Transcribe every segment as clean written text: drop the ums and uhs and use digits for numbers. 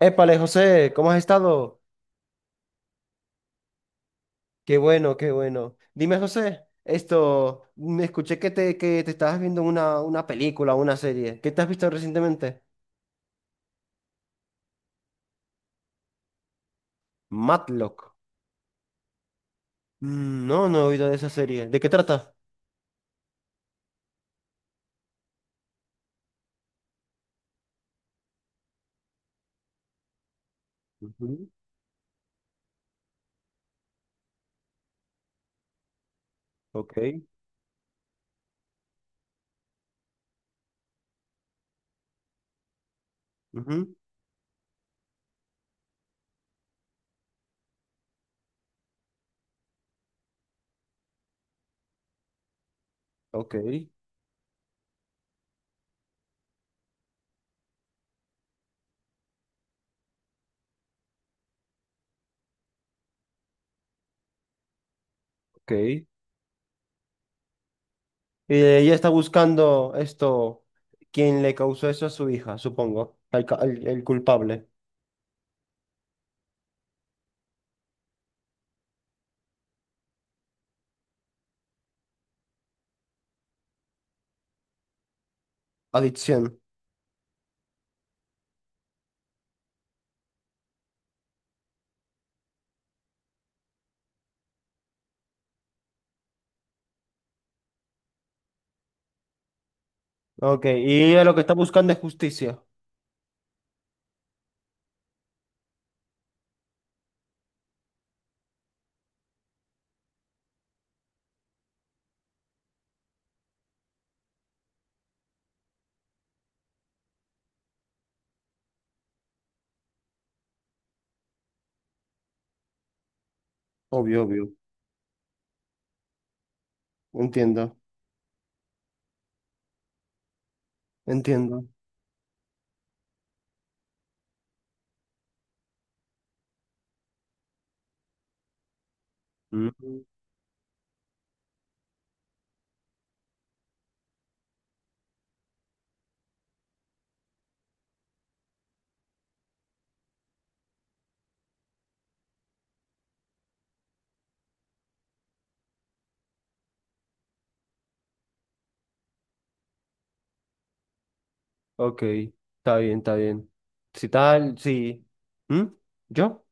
Épale, José, ¿cómo has estado? Qué bueno, qué bueno. Dime, José, me escuché que te estabas viendo una película, una serie. ¿Qué te has visto recientemente? Matlock. No, no he oído de esa serie. ¿De qué trata? Ujú. Ok, ujú, ok, ok. Y ella está buscando quien le causó eso a su hija, supongo, el culpable. Adicción. Ok, y ella lo que está buscando es justicia. Obvio, obvio. Entiendo, entiendo. Mm, ok, está bien, está bien. Si tal, sí. ¿Mm? ¿Yo?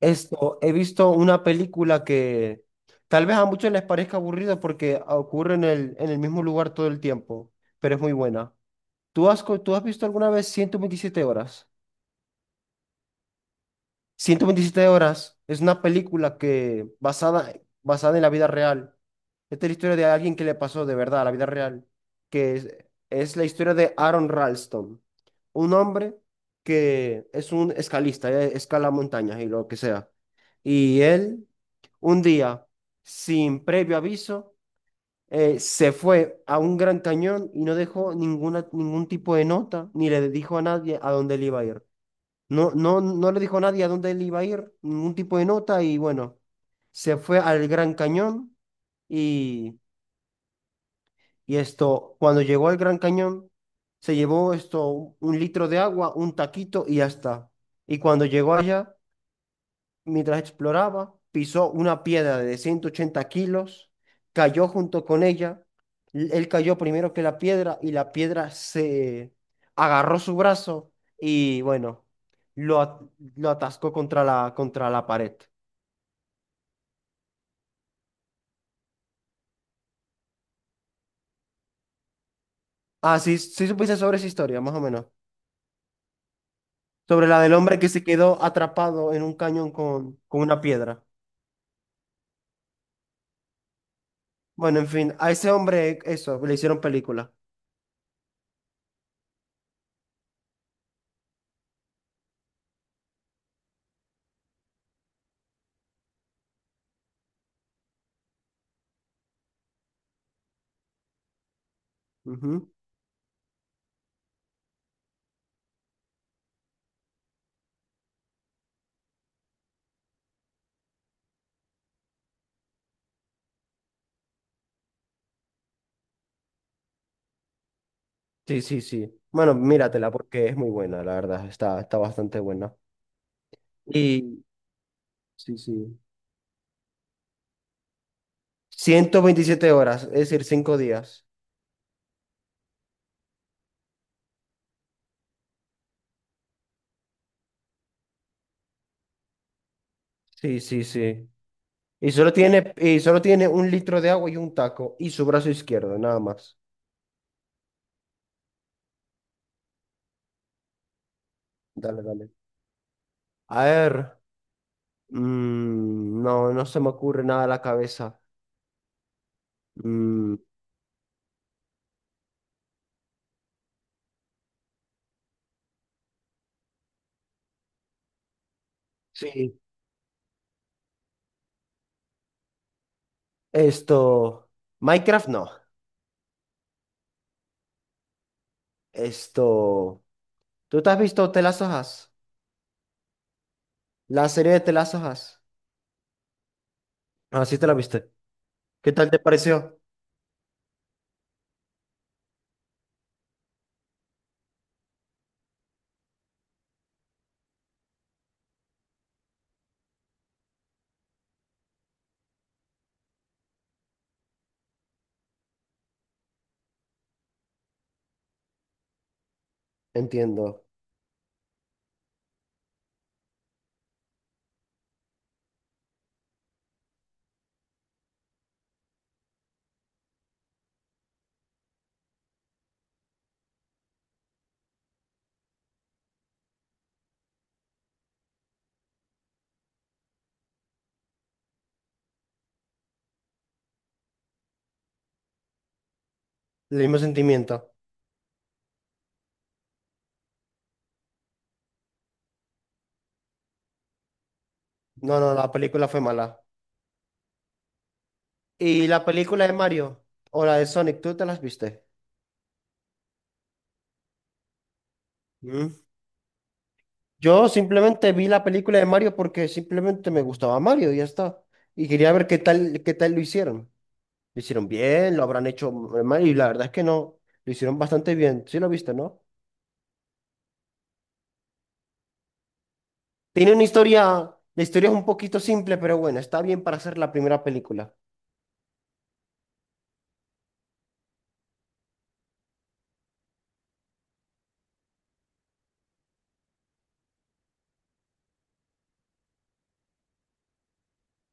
He visto una película que tal vez a muchos les parezca aburrida porque ocurre en el mismo lugar todo el tiempo, pero es muy buena. ¿ Tú has visto alguna vez 127 horas? Ciento veintisiete horas es una película basada en la vida real. Esta es la historia de alguien que le pasó de verdad a la vida real, que es, es la historia de Aaron Ralston, un hombre que es un escalista, escala montañas y lo que sea. Y él, un día, sin previo aviso, se fue a un gran cañón y no dejó ningún tipo de nota, ni le dijo a nadie a dónde él iba a ir. No, no, no le dijo a nadie a dónde él iba a ir, ningún tipo de nota, y bueno, se fue al Gran Cañón y, y cuando llegó al Gran Cañón, se llevó un litro de agua, un taquito y ya está. Y cuando llegó allá, mientras exploraba, pisó una piedra de 180 kilos, cayó junto con ella. Él cayó primero que la piedra y la piedra se agarró su brazo y bueno, lo, at- lo atascó contra contra la pared. Ah, sí, sí supiste sobre esa historia, más o menos. Sobre la del hombre que se quedó atrapado en un cañón con una piedra. Bueno, en fin, a ese hombre le hicieron película. Ujú. Sí, sí, sí. Bueno, míratela porque es muy buena, la verdad. Está, está bastante buena. Y sí, sí. 127 horas, es decir, 5 días. Sí, sí, sí. Y solo tiene un litro de agua y un taco y su brazo izquierdo, nada más. Dale, dale. A ver. No, no se me ocurre nada a la cabeza. Mm, sí. Esto. Minecraft no. Esto. ¿Tú te has visto The Last of Us? La serie de The Last of Us. Ah, sí te la viste. ¿Qué tal te pareció? Entiendo. El mismo sentimiento. No, no, la película fue mala. ¿Y la película de Mario? ¿O la de Sonic? ¿Tú te las viste? Mm. Yo simplemente vi la película de Mario porque simplemente me gustaba Mario y ya está. Y quería ver qué tal lo hicieron. ¿Lo hicieron bien? ¿Lo habrán hecho mal? Y la verdad es que no. Lo hicieron bastante bien. Sí lo viste, ¿no? Tiene una historia, la historia es un poquito simple, pero bueno, está bien para hacer la primera película.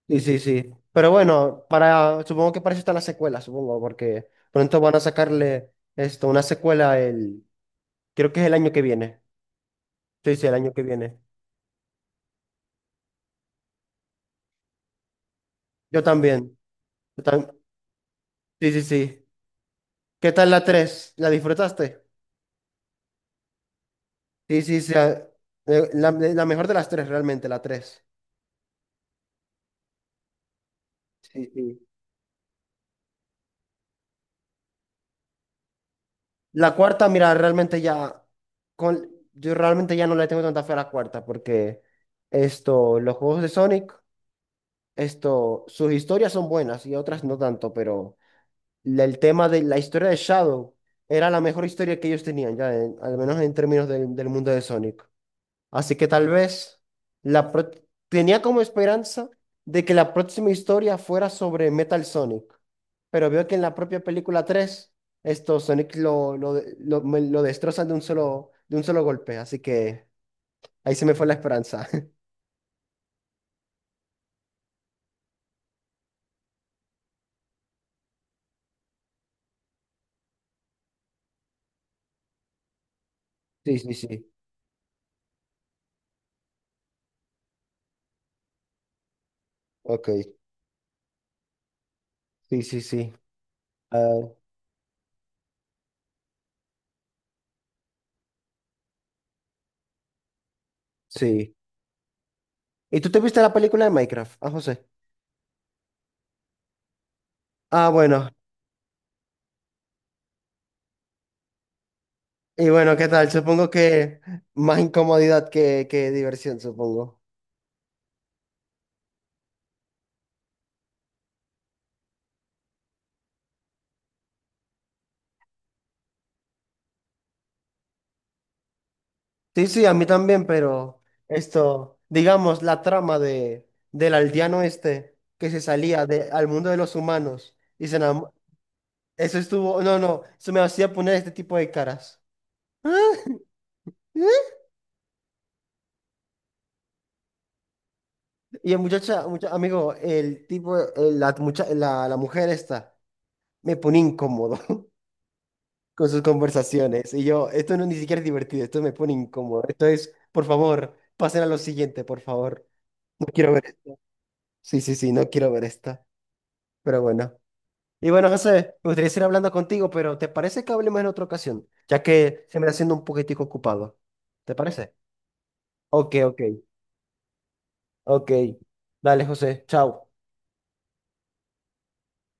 Sí, sí, sí. Pero bueno, supongo que para eso está la secuela, supongo, porque pronto van a sacarle una secuela creo que es el año que viene. Sí, sí, el año que viene. Yo también. Yo tam- sí, sí, sí. ¿Qué tal la 3? ¿La disfrutaste? Sí, sí, sí. La mejor de las tres, realmente, la 3. Sí, sí. La cuarta, mira, yo realmente ya no le tengo tanta fe a la cuarta, porque los juegos de Sonic. Sus historias son buenas y otras no tanto, pero el tema de la historia de Shadow era la mejor historia que ellos tenían, al menos en términos del mundo de Sonic. Así que tal vez la pro- tenía como esperanza de que la próxima historia fuera sobre Metal Sonic, pero veo que en la propia película 3 esto Sonic lo destrozan de un solo golpe, así que ahí se me fue la esperanza. Sí, sí, sí. Ok. Sí, sí, sí. Ah, sí. ¿Y tú te viste la película de Minecraft? Ah, José. Ah, bueno. Y bueno, ¿qué tal? Supongo que más incomodidad que diversión, supongo. Sí, sí, a mí también, pero digamos, la trama del aldeano este que se salía de, al mundo de los humanos y se enamoró. Eso estuvo, no, no, eso me hacía poner este tipo de caras. Y el muchacha, mucha- amigo, el tipo, el- la, mucha- la mujer esta, me pone incómodo con sus conversaciones. Y yo, esto no ni siquiera es divertido, esto me pone incómodo. Esto es, por favor, pasen a lo siguiente, por favor. No quiero ver. Sí, sí, sí, no quiero ver esta. Pero bueno. Y bueno, José, me gustaría seguir hablando contigo, pero ¿te parece que hablemos en otra ocasión? Ya que se me está haciendo un poquitico ocupado. ¿Te parece? Ok, ok, ok. Dale, José, chao.